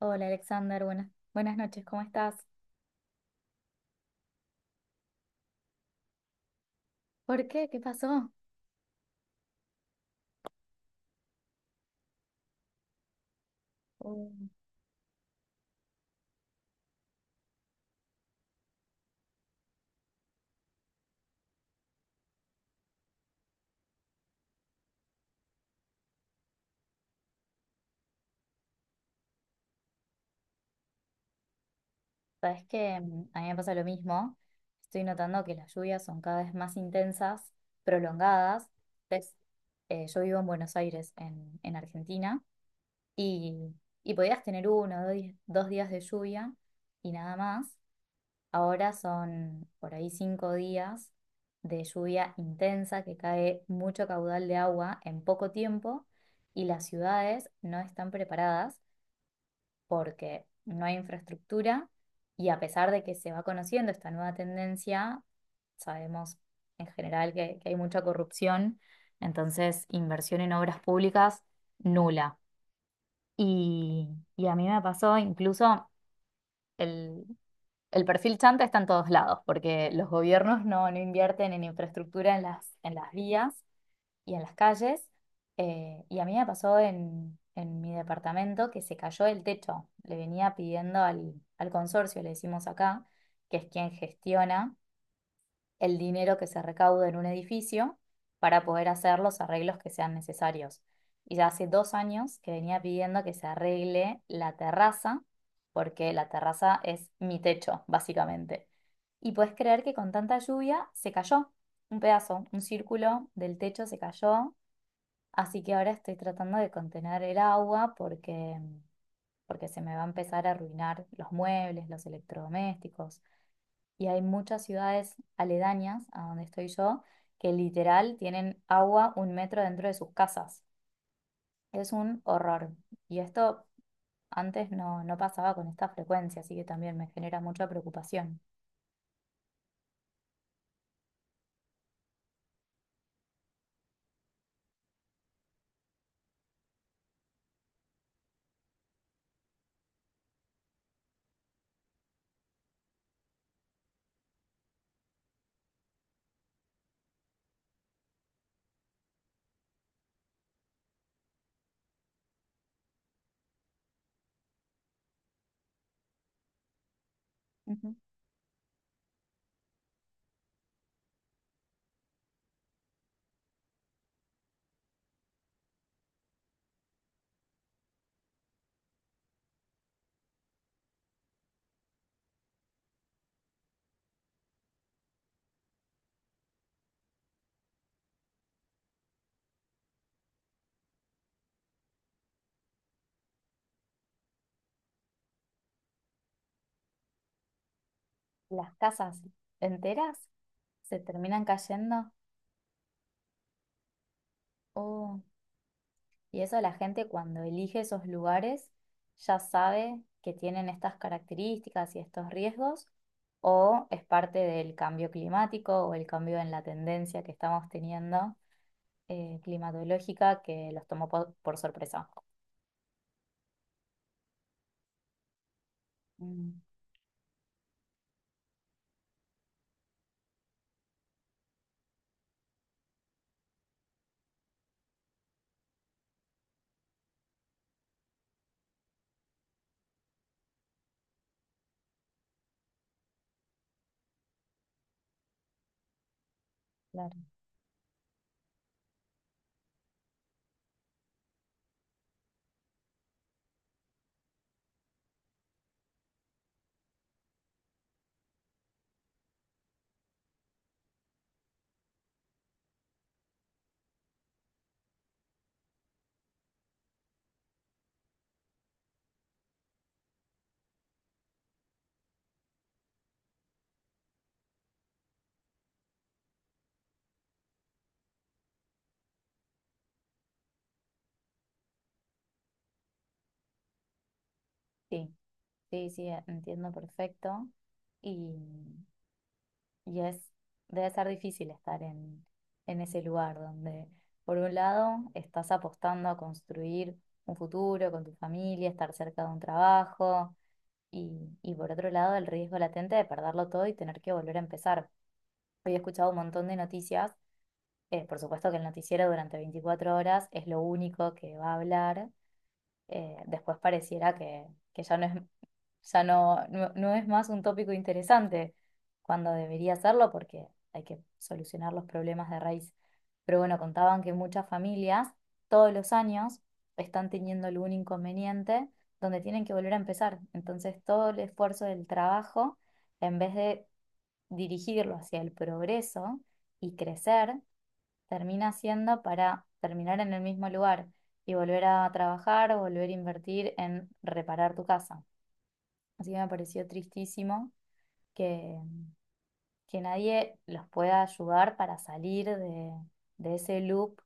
Hola Alexander, buenas, buenas noches, ¿cómo estás? ¿Por qué? ¿Qué pasó? Uh, sabes que a mí me pasa lo mismo. Estoy notando que las lluvias son cada vez más intensas, prolongadas. Ves, yo vivo en Buenos Aires, en Argentina, y, y podías tener uno o dos días de lluvia y nada más. Ahora son por ahí cinco días de lluvia intensa que cae mucho caudal de agua en poco tiempo y las ciudades no están preparadas porque no hay infraestructura, y a pesar de que se va conociendo esta nueva tendencia, sabemos en general que hay mucha corrupción, entonces inversión en obras públicas nula. Y, y a mí me pasó incluso el, el perfil chanta está en todos lados, porque los gobiernos no invierten en infraestructura en las vías y en las calles. Y a mí me pasó en mi departamento, que se cayó el techo. Le venía pidiendo al consorcio, le decimos acá, que es quien gestiona el dinero que se recauda en un edificio para poder hacer los arreglos que sean necesarios. Y ya hace dos años que venía pidiendo que se arregle la terraza, porque la terraza es mi techo, básicamente. Y puedes creer que con tanta lluvia se cayó un pedazo, un círculo del techo se cayó, así que ahora estoy tratando de contener el agua porque, porque se me va a empezar a arruinar los muebles, los electrodomésticos, y hay muchas ciudades aledañas a donde estoy yo que literal tienen agua un metro dentro de sus casas. Es un horror. Y esto antes no pasaba con esta frecuencia, así que también me genera mucha preocupación. Ujú. Las casas enteras se terminan cayendo. Oh. Y eso, la gente, cuando elige esos lugares, ya sabe que tienen estas características y estos riesgos, o es parte del cambio climático o el cambio en la tendencia que estamos teniendo climatológica, que los tomó por sorpresa. Mm, claro. Sí, sí, sí, entiendo perfecto. Y Y es, Debe ser difícil estar en ese lugar donde, por un lado, estás apostando a construir un futuro con tu familia, estar cerca de un trabajo, y por otro lado, el riesgo latente de perderlo todo y tener que volver a empezar. Hoy he escuchado un montón de noticias. Por supuesto que el noticiero durante 24 horas es lo único que va a hablar, después pareciera que ya no es, ya no es más un tópico interesante, cuando debería serlo, porque hay que solucionar los problemas de raíz. Pero bueno, contaban que muchas familias todos los años están teniendo algún inconveniente donde tienen que volver a empezar. Entonces todo el esfuerzo del trabajo, en vez de dirigirlo hacia el progreso y crecer, termina haciendo para terminar en el mismo lugar y volver a trabajar o volver a invertir en reparar tu casa. Así que me pareció tristísimo que, que nadie los pueda ayudar para salir de ese loop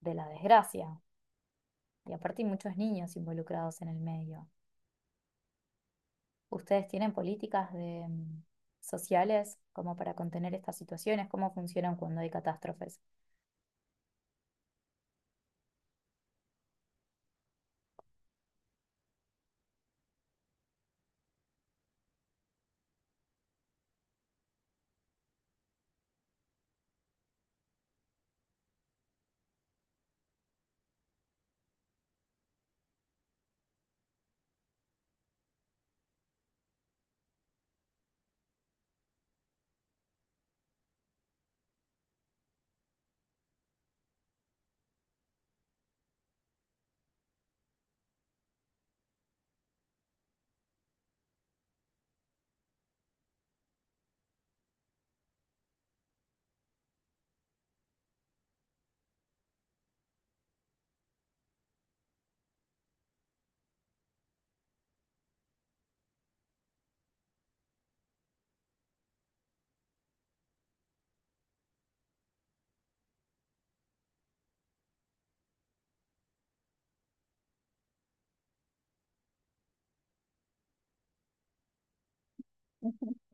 de la desgracia. Y aparte hay muchos niños involucrados en el medio. ¿Ustedes tienen políticas de, sociales, como para contener estas situaciones? ¿Cómo funcionan cuando hay catástrofes?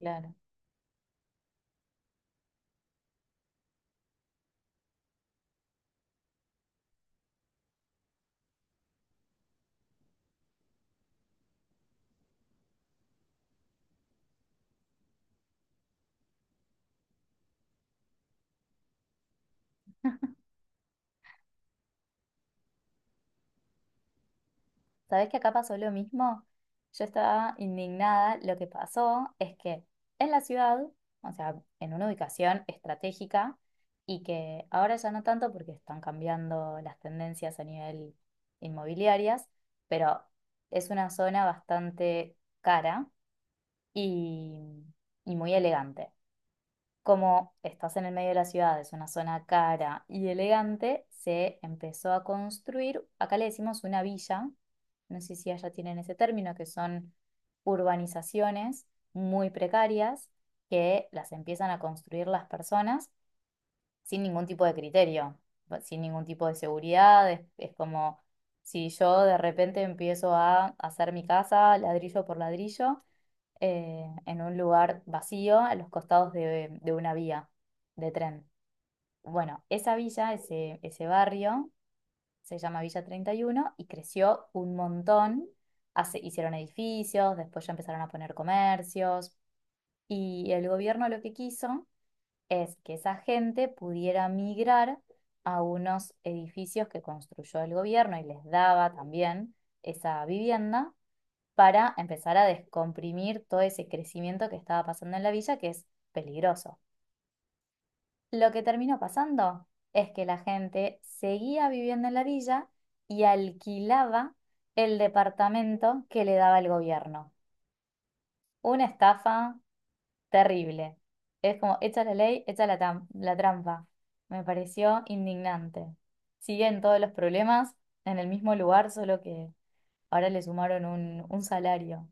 Claro. ¿Sabés que acá pasó lo mismo? Yo estaba indignada. Lo que pasó es que en la ciudad, o sea, en una ubicación estratégica, y que ahora ya no tanto porque están cambiando las tendencias a nivel inmobiliarias, pero es una zona bastante cara y, y muy elegante; como estás en el medio de la ciudad, es una zona cara y elegante, se empezó a construir, acá le decimos una villa, no sé si allá tienen ese término, que son urbanizaciones muy precarias, que las empiezan a construir las personas sin ningún tipo de criterio, va- sin ningún tipo de seguridad, es como si yo de repente empiezo a hacer mi casa ladrillo por ladrillo en un lugar vacío a los costados de una vía de tren. Bueno, esa villa, ese barrio, se llama Villa 31 y uno, y creció un montón. Hicieron edificios, después ya empezaron a poner comercios, y el gobierno lo que quiso es que esa gente pudiera migrar a unos edificios que construyó el gobierno, y les daba también esa vivienda para empezar a descomprimir todo ese crecimiento que estaba pasando en la villa, que es peligroso. Lo que terminó pasando es que la gente seguía viviendo en la villa y alquilaba el departamento que le daba el gobierno. Una estafa terrible. Es como, echa la ley, echa la, tam- la trampa. Me pareció indignante. Siguen todos los problemas en el mismo lugar, solo que ahora le sumaron un salario.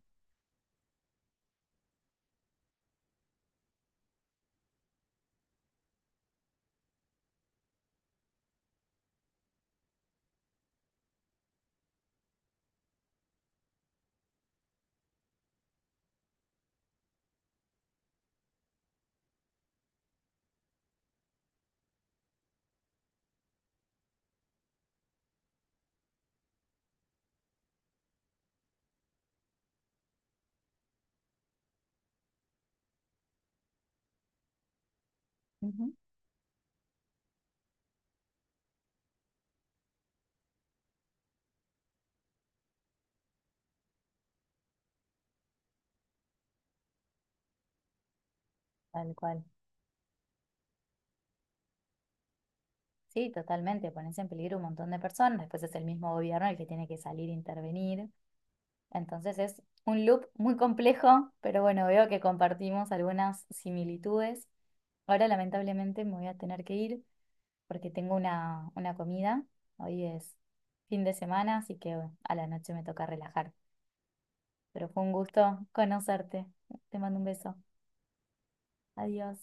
Ujú. Tal cual. Sí, totalmente, pones en peligro un montón de personas, después es el mismo gobierno el que tiene que salir e intervenir. Entonces es un loop muy complejo, pero bueno, veo que compartimos algunas similitudes. Ahora lamentablemente me voy a tener que ir porque tengo una comida. Hoy es fin de semana, así que bueno, a la noche me toca relajar. Pero fue un gusto conocerte. Te mando un beso. Adiós.